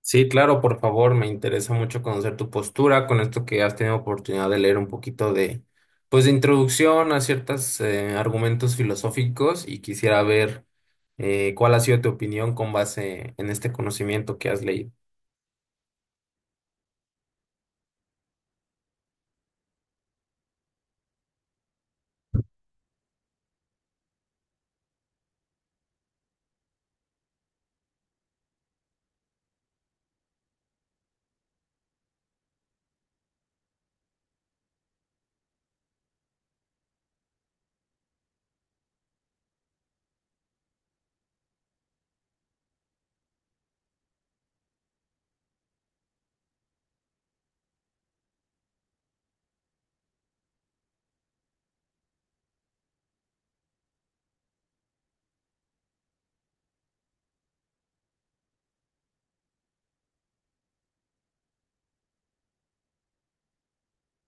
Sí, claro, por favor, me interesa mucho conocer tu postura con esto que has tenido oportunidad de leer un poquito de, pues, de introducción a ciertos argumentos filosóficos y quisiera ver, cuál ha sido tu opinión con base en este conocimiento que has leído.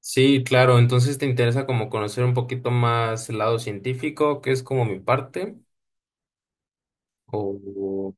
Sí, claro, entonces te interesa como conocer un poquito más el lado científico, que es como mi parte, o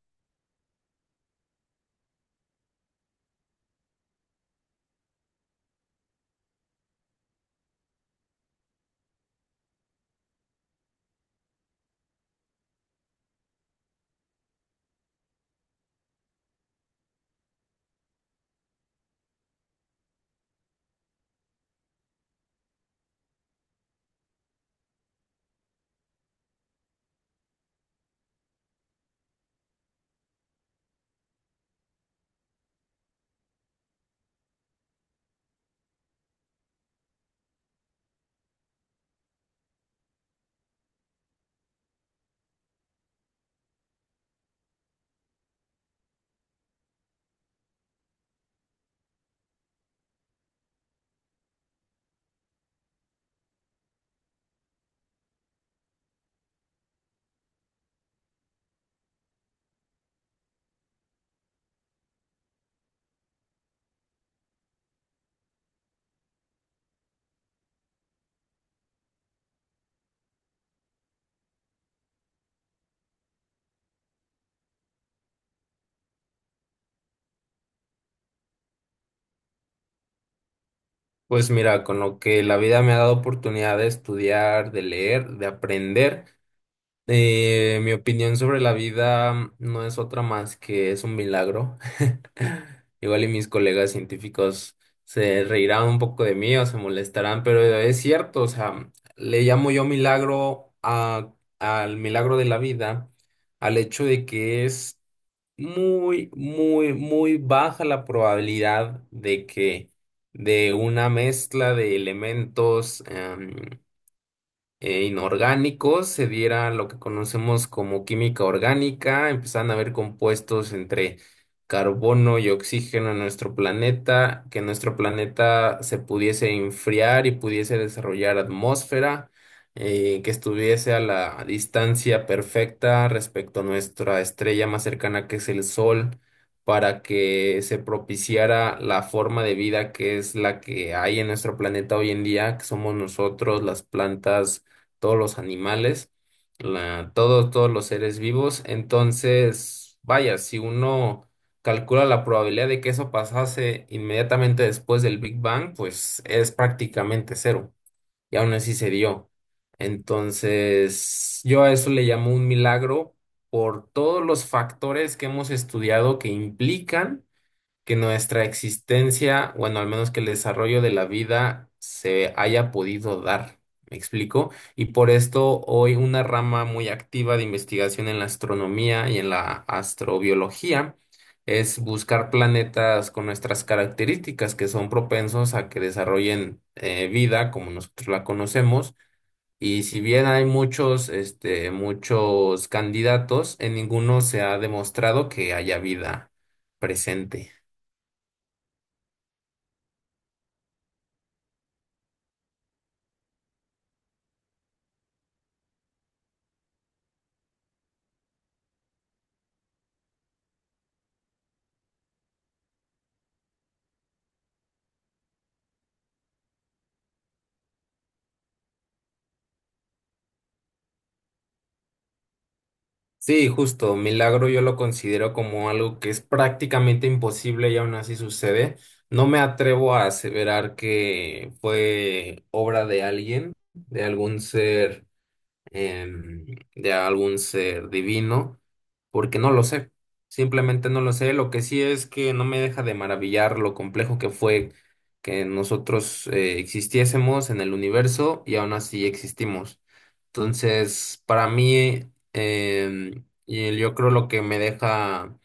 pues mira, con lo que la vida me ha dado oportunidad de estudiar, de leer, de aprender. Mi opinión sobre la vida no es otra más que es un milagro. Igual y mis colegas científicos se reirán un poco de mí o se molestarán, pero es cierto, o sea, le llamo yo milagro a- al milagro de la vida, al hecho de que es muy, muy, muy baja la probabilidad de que de una mezcla de elementos inorgánicos, se diera lo que conocemos como química orgánica, empezaban a haber compuestos entre carbono y oxígeno en nuestro planeta, que nuestro planeta se pudiese enfriar y pudiese desarrollar atmósfera, que estuviese a la distancia perfecta respecto a nuestra estrella más cercana que es el Sol, para que se propiciara la forma de vida que es la que hay en nuestro planeta hoy en día, que somos nosotros, las plantas, todos los animales, todos, todos los seres vivos. Entonces, vaya, si uno calcula la probabilidad de que eso pasase inmediatamente después del Big Bang, pues es prácticamente cero. Y aún así se dio. Entonces, yo a eso le llamo un milagro por todos los factores que hemos estudiado que implican que nuestra existencia, bueno, al menos que el desarrollo de la vida se haya podido dar. ¿Me explico? Y por esto hoy una rama muy activa de investigación en la astronomía y en la astrobiología es buscar planetas con nuestras características que son propensos a que desarrollen vida como nosotros la conocemos. Y si bien hay muchos, este, muchos candidatos, en ninguno se ha demostrado que haya vida presente. Sí, justo, milagro yo lo considero como algo que es prácticamente imposible y aún así sucede. No me atrevo a aseverar que fue obra de alguien, de algún ser, em, de algún ser divino, porque no lo sé, simplemente no lo sé. Lo que sí es que no me deja de maravillar lo complejo que fue que nosotros existiésemos en el universo y aún así existimos. Entonces, para mí, y yo creo lo que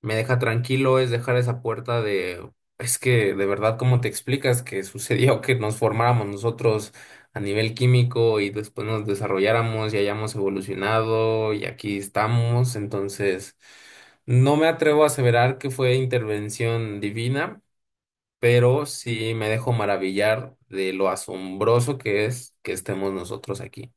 me deja tranquilo es dejar esa puerta de, es que de verdad, ¿cómo te explicas que sucedió que nos formáramos nosotros a nivel químico y después nos desarrolláramos y hayamos evolucionado y aquí estamos? Entonces, no me atrevo a aseverar que fue intervención divina, pero sí me dejo maravillar de lo asombroso que es que estemos nosotros aquí.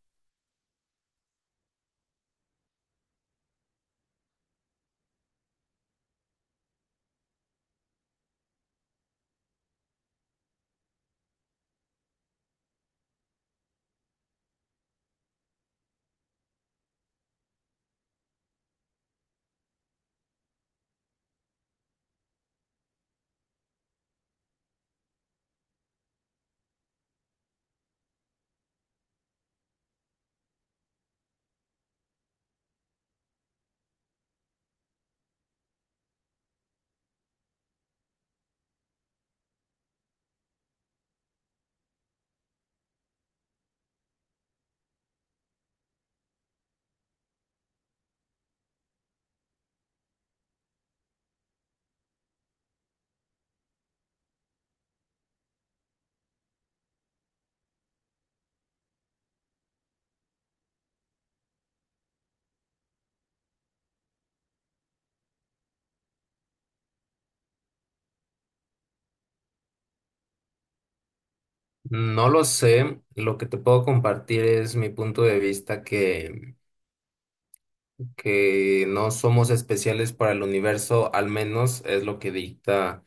No lo sé, lo que te puedo compartir es mi punto de vista, que no somos especiales para el universo, al menos es lo que dicta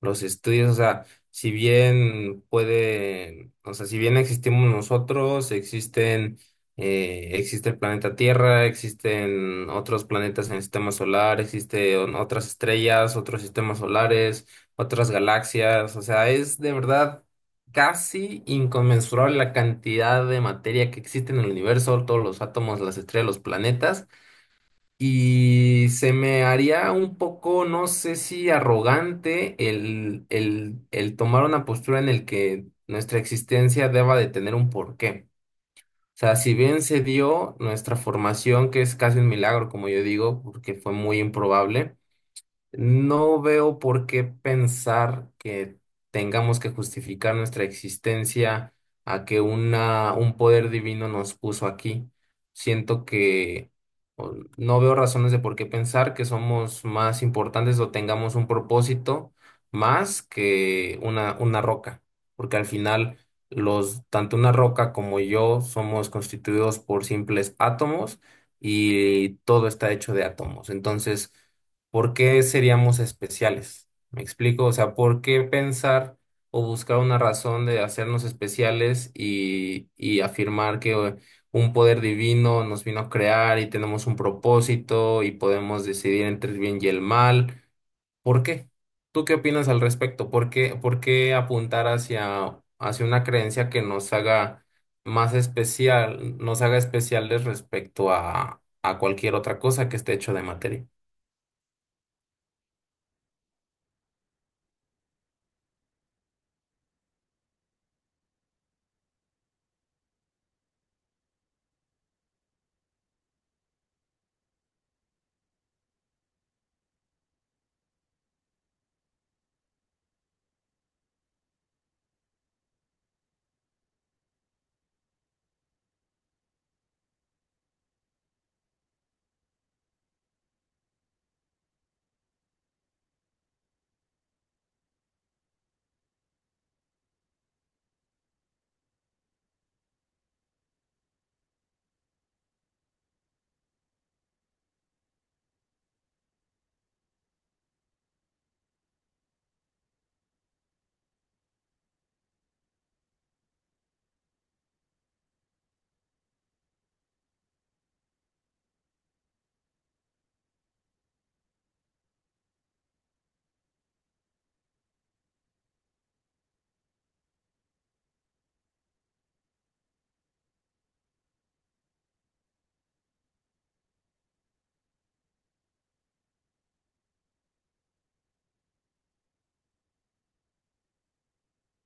los estudios. O sea, si bien puede, o sea, si bien existimos nosotros, existen, existe el planeta Tierra, existen otros planetas en el sistema solar, existen otras estrellas, otros sistemas solares, otras galaxias. O sea, es de verdad casi inconmensurable la cantidad de materia que existe en el universo, todos los átomos, las estrellas, los planetas. Y se me haría un poco, no sé si arrogante, el tomar una postura en el que nuestra existencia deba de tener un porqué. O sea, si bien se dio nuestra formación, que es casi un milagro, como yo digo, porque fue muy improbable. No veo por qué pensar que tengamos que justificar nuestra existencia a que una, un poder divino nos puso aquí. Siento que o, no veo razones de por qué pensar que somos más importantes o tengamos un propósito más que una roca, porque al final tanto una roca como yo somos constituidos por simples átomos y todo está hecho de átomos. Entonces, ¿por qué seríamos especiales? ¿Me explico? O sea, ¿por qué pensar o buscar una razón de hacernos especiales y afirmar que un poder divino nos vino a crear y tenemos un propósito y podemos decidir entre el bien y el mal? ¿Por qué? ¿Tú qué opinas al respecto? Por qué apuntar hacia, hacia una creencia que nos haga más especial, nos haga especiales respecto a cualquier otra cosa que esté hecho de materia?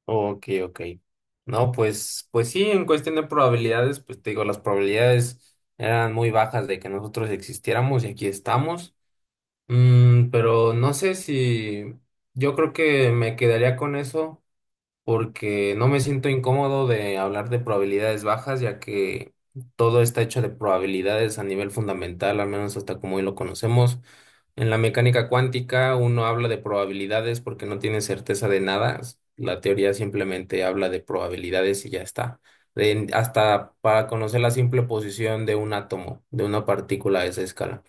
Ok, ok. No, pues, pues sí, en cuestión de probabilidades, pues te digo, las probabilidades eran muy bajas de que nosotros existiéramos y aquí estamos. Mm, pero no sé si yo creo que me quedaría con eso porque no me siento incómodo de hablar de probabilidades bajas, ya que todo está hecho de probabilidades a nivel fundamental, al menos hasta como hoy lo conocemos. En la mecánica cuántica uno habla de probabilidades porque no tiene certeza de nada. La teoría simplemente habla de probabilidades y ya está. Hasta para conocer la simple posición de un átomo, de una partícula a esa escala,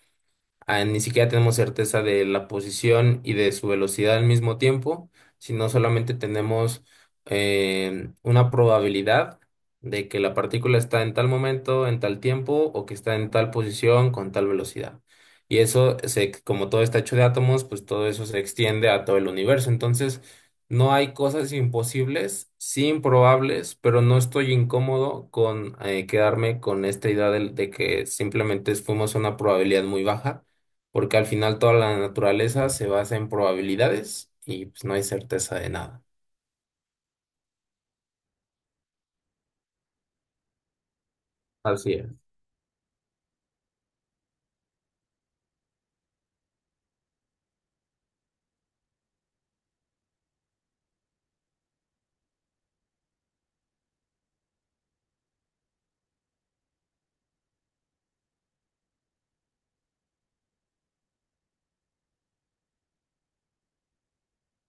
ni siquiera tenemos certeza de la posición y de su velocidad al mismo tiempo, sino solamente tenemos una probabilidad de que la partícula está en tal momento, en tal tiempo, o que está en tal posición con tal velocidad. Como todo está hecho de átomos, pues todo eso se extiende a todo el universo. Entonces, no hay cosas imposibles, sí improbables, pero no estoy incómodo con, quedarme con esta idea que simplemente fuimos a una probabilidad muy baja porque al final toda la naturaleza se basa en probabilidades y pues no hay certeza de nada. Así es.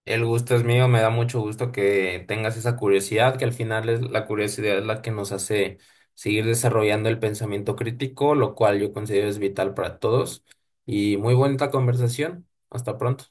El gusto es mío, me da mucho gusto que tengas esa curiosidad, que al final es la curiosidad la que nos hace seguir desarrollando el pensamiento crítico, lo cual yo considero es vital para todos. Y muy bonita conversación. Hasta pronto.